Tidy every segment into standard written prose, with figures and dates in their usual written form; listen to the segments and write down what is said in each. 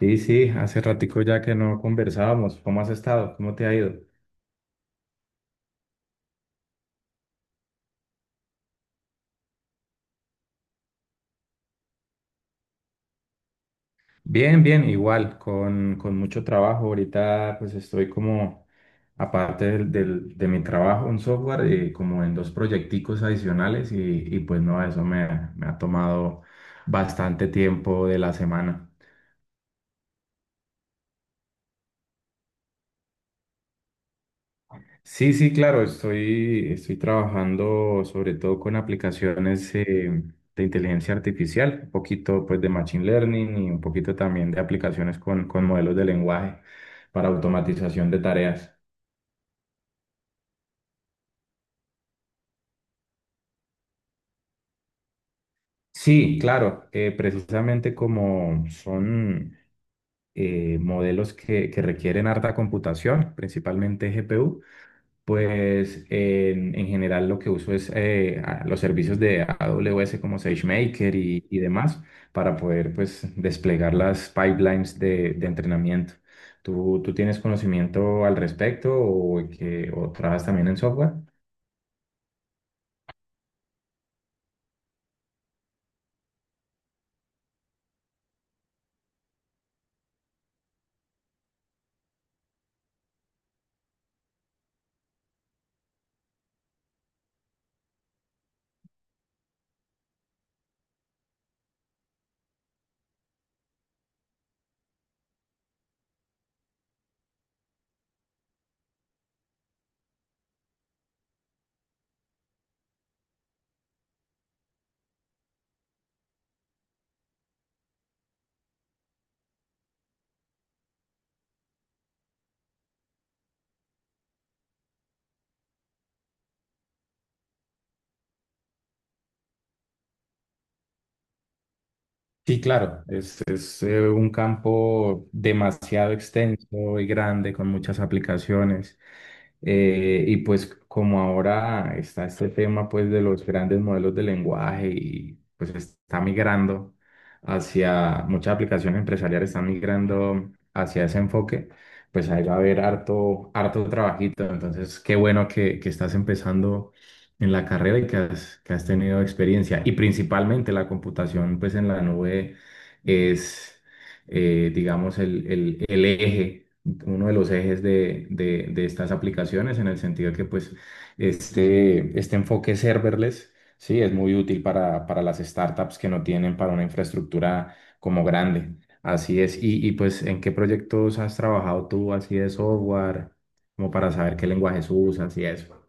Sí, sí, hace ratico ya que no conversábamos. ¿Cómo has estado? ¿Cómo te ha ido? Bien, bien, igual, con mucho trabajo. Ahorita pues estoy como aparte de mi trabajo en software, como en dos proyecticos adicionales y pues no, eso me, me ha tomado bastante tiempo de la semana. Sí, sí, claro, estoy trabajando sobre todo con aplicaciones de inteligencia artificial, un poquito pues de machine learning y un poquito también de aplicaciones con modelos de lenguaje para automatización de tareas. Sí, claro, precisamente como son modelos que requieren harta computación, principalmente GPU. Pues en general lo que uso es los servicios de AWS como SageMaker y demás para poder pues desplegar las pipelines de entrenamiento. Tú tienes conocimiento al respecto o o trabajas también en software? Sí, claro, es un campo demasiado extenso y grande con muchas aplicaciones. Y pues como ahora está este tema pues de los grandes modelos de lenguaje y pues está migrando muchas aplicaciones empresariales están migrando hacia ese enfoque, pues ahí va a haber harto, harto trabajito. Entonces, qué bueno que estás empezando en la carrera y que has tenido experiencia. Y principalmente la computación, pues en la nube es, digamos, el eje, uno de los ejes de estas aplicaciones, en el sentido que, pues, este enfoque serverless, sí, es muy útil para las startups que no tienen para una infraestructura como grande. Así es. Y pues, ¿en qué proyectos has trabajado tú así de software? Como para saber qué lenguajes usas y eso.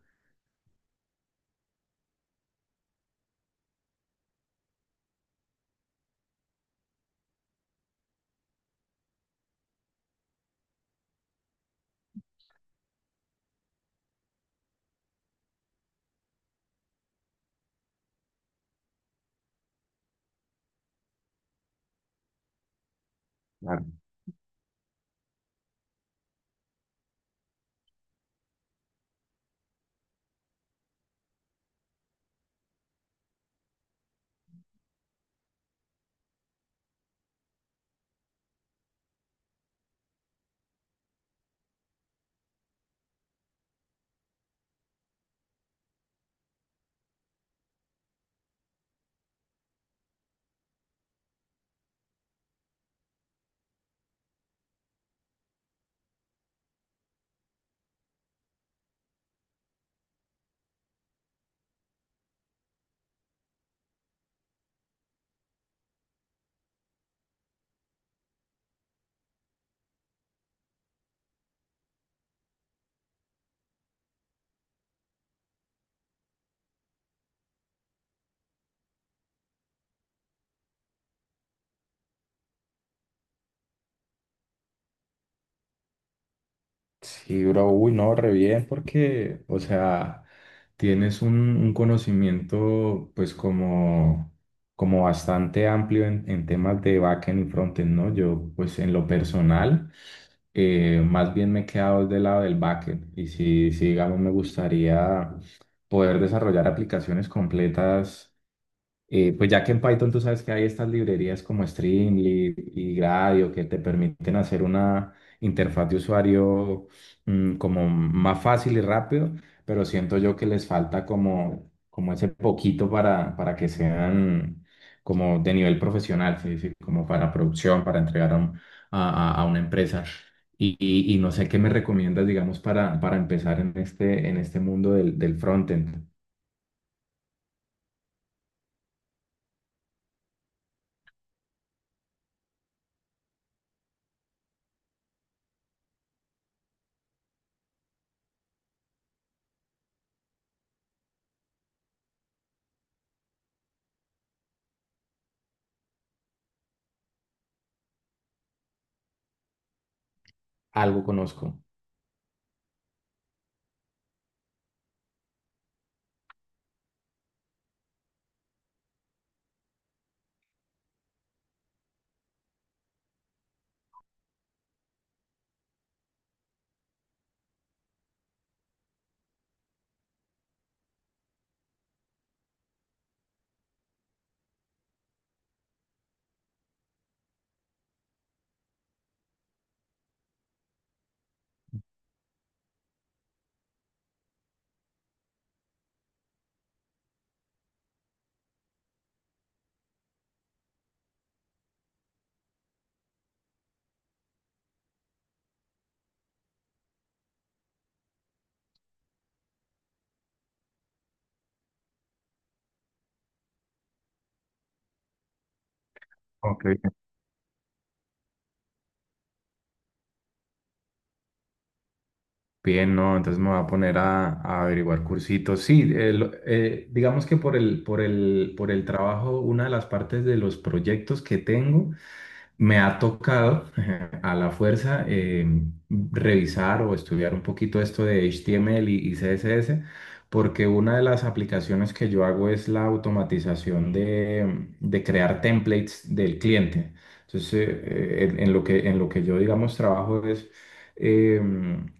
Sí, bro, uy, no, re bien, porque, o sea, tienes un conocimiento, pues, como, como bastante amplio en temas de backend y frontend, ¿no? Yo, pues, en lo personal, más bien me he quedado del lado del backend, y si, si, digamos, me gustaría poder desarrollar aplicaciones completas pues ya que en Python tú sabes que hay estas librerías como Streamlit y Gradio que te permiten hacer una interfaz de usuario como más fácil y rápido, pero siento yo que les falta como, como ese poquito para que sean como de nivel profesional, ¿sí? Sí, como para producción, para entregar a, un- a una empresa. Y no sé qué me recomiendas, digamos, para empezar en este mundo del frontend. Algo conozco. Ok. Bien, no, entonces me voy a poner a averiguar cursitos. Sí, digamos que por el, por el, por el trabajo, una de las partes de los proyectos que tengo. Me ha tocado a la fuerza revisar o estudiar un poquito esto de HTML y CSS, porque una de las aplicaciones que yo hago es la automatización de crear templates del cliente. Entonces, en lo en lo que yo, digamos, trabajo es, eh,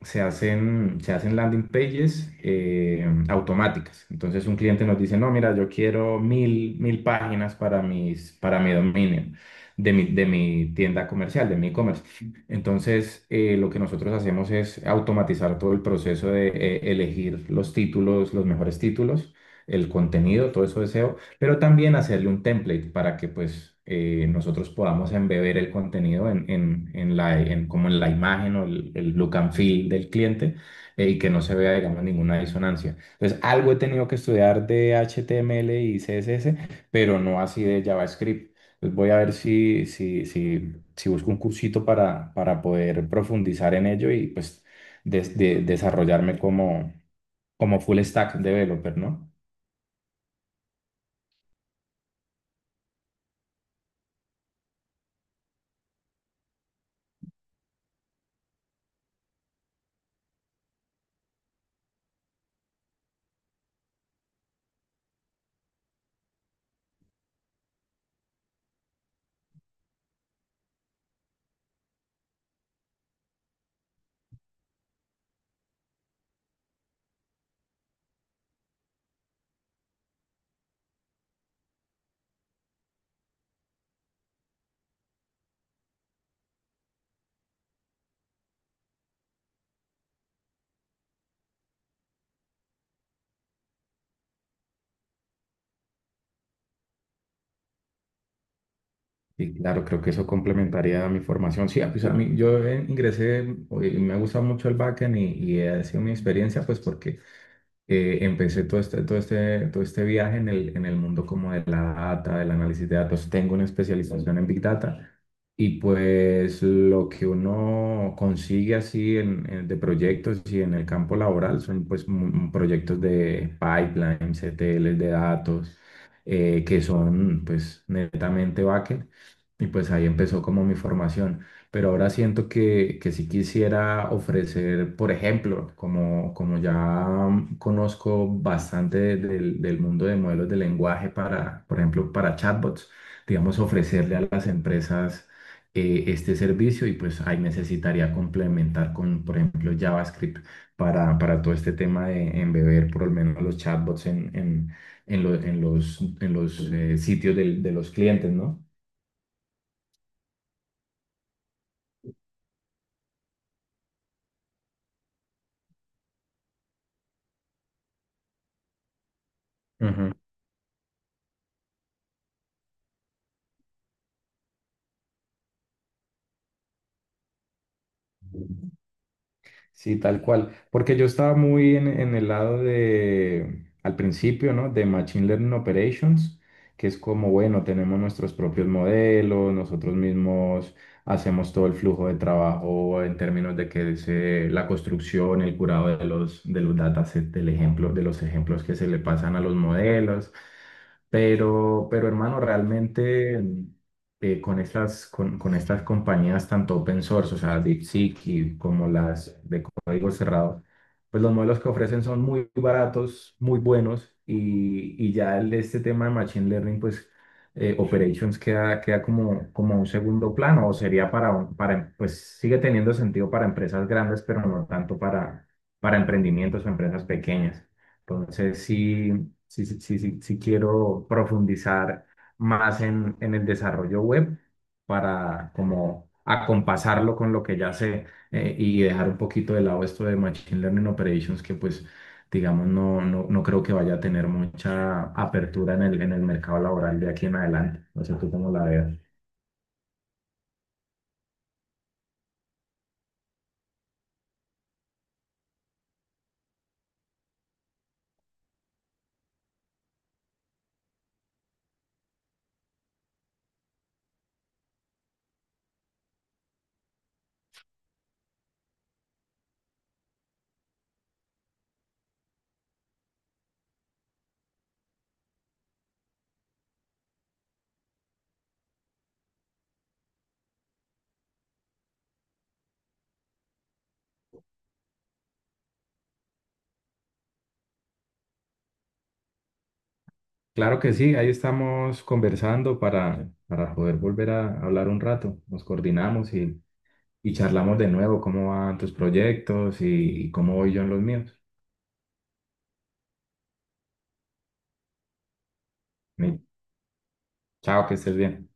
se hacen landing pages automáticas. Entonces, un cliente nos dice, no, mira, yo quiero mil, mil páginas para para mi dominio de mi tienda comercial, de mi e-commerce. Entonces, lo que nosotros hacemos es automatizar todo el proceso de elegir los títulos, los mejores títulos, el contenido, todo eso de SEO, pero también hacerle un template para que pues nosotros podamos embeber el contenido como en la imagen o el look and feel del cliente y que no se vea, digamos, ninguna disonancia. Entonces, algo he tenido que estudiar de HTML y CSS, pero no así de JavaScript. Pues voy a ver si busco un cursito para poder profundizar en ello y pues desarrollarme como, como full stack developer, ¿no? Y claro, creo que eso complementaría mi formación. Sí, ah, pues a mí, yo ingresé y me gusta mucho el backend y ha sido mi experiencia, pues porque empecé todo este viaje en el mundo como de la data, del análisis de datos. Tengo una especialización en Big Data y pues lo que uno consigue así de proyectos y en el campo laboral son pues proyectos de pipelines, C T Ls de datos, que son pues netamente backend. Y pues ahí empezó como mi formación. Pero ahora siento que sí quisiera ofrecer, por ejemplo, como, como ya conozco bastante del mundo de modelos de lenguaje para, por ejemplo, para chatbots, digamos, ofrecerle a las empresas este servicio y pues ahí necesitaría complementar con, por ejemplo, JavaScript para todo este tema de embeber por lo menos los chatbots en los sitios de los clientes, ¿no? Sí, tal cual. Porque yo estaba muy en el lado de, al principio, ¿no? De Machine Learning Operations, que es como, bueno, tenemos nuestros propios modelos, nosotros mismos hacemos todo el flujo de trabajo en términos de que la construcción, el curado de los datasets, del ejemplo, de los ejemplos que se le pasan a los modelos. Pero hermano, realmente con con estas compañías tanto open source, o sea, DeepSeek y como las de código cerrado, pues los modelos que ofrecen son muy baratos, muy buenos y ya este tema de Machine Learning, pues Operations queda, queda como, como un segundo plano o sería para, pues sigue teniendo sentido para empresas grandes, pero no tanto para emprendimientos o empresas pequeñas. Entonces, sí, sí quiero profundizar más en el desarrollo web para como acompasarlo con lo que ya sé y dejar un poquito de lado esto de Machine Learning Operations que pues digamos no creo que vaya a tener mucha apertura en el mercado laboral de aquí en adelante. No sé tú cómo la veas. Claro que sí, ahí estamos conversando para poder volver a hablar un rato. Nos coordinamos y charlamos de nuevo cómo van tus proyectos y cómo voy yo en los míos. Y chao, que estés bien.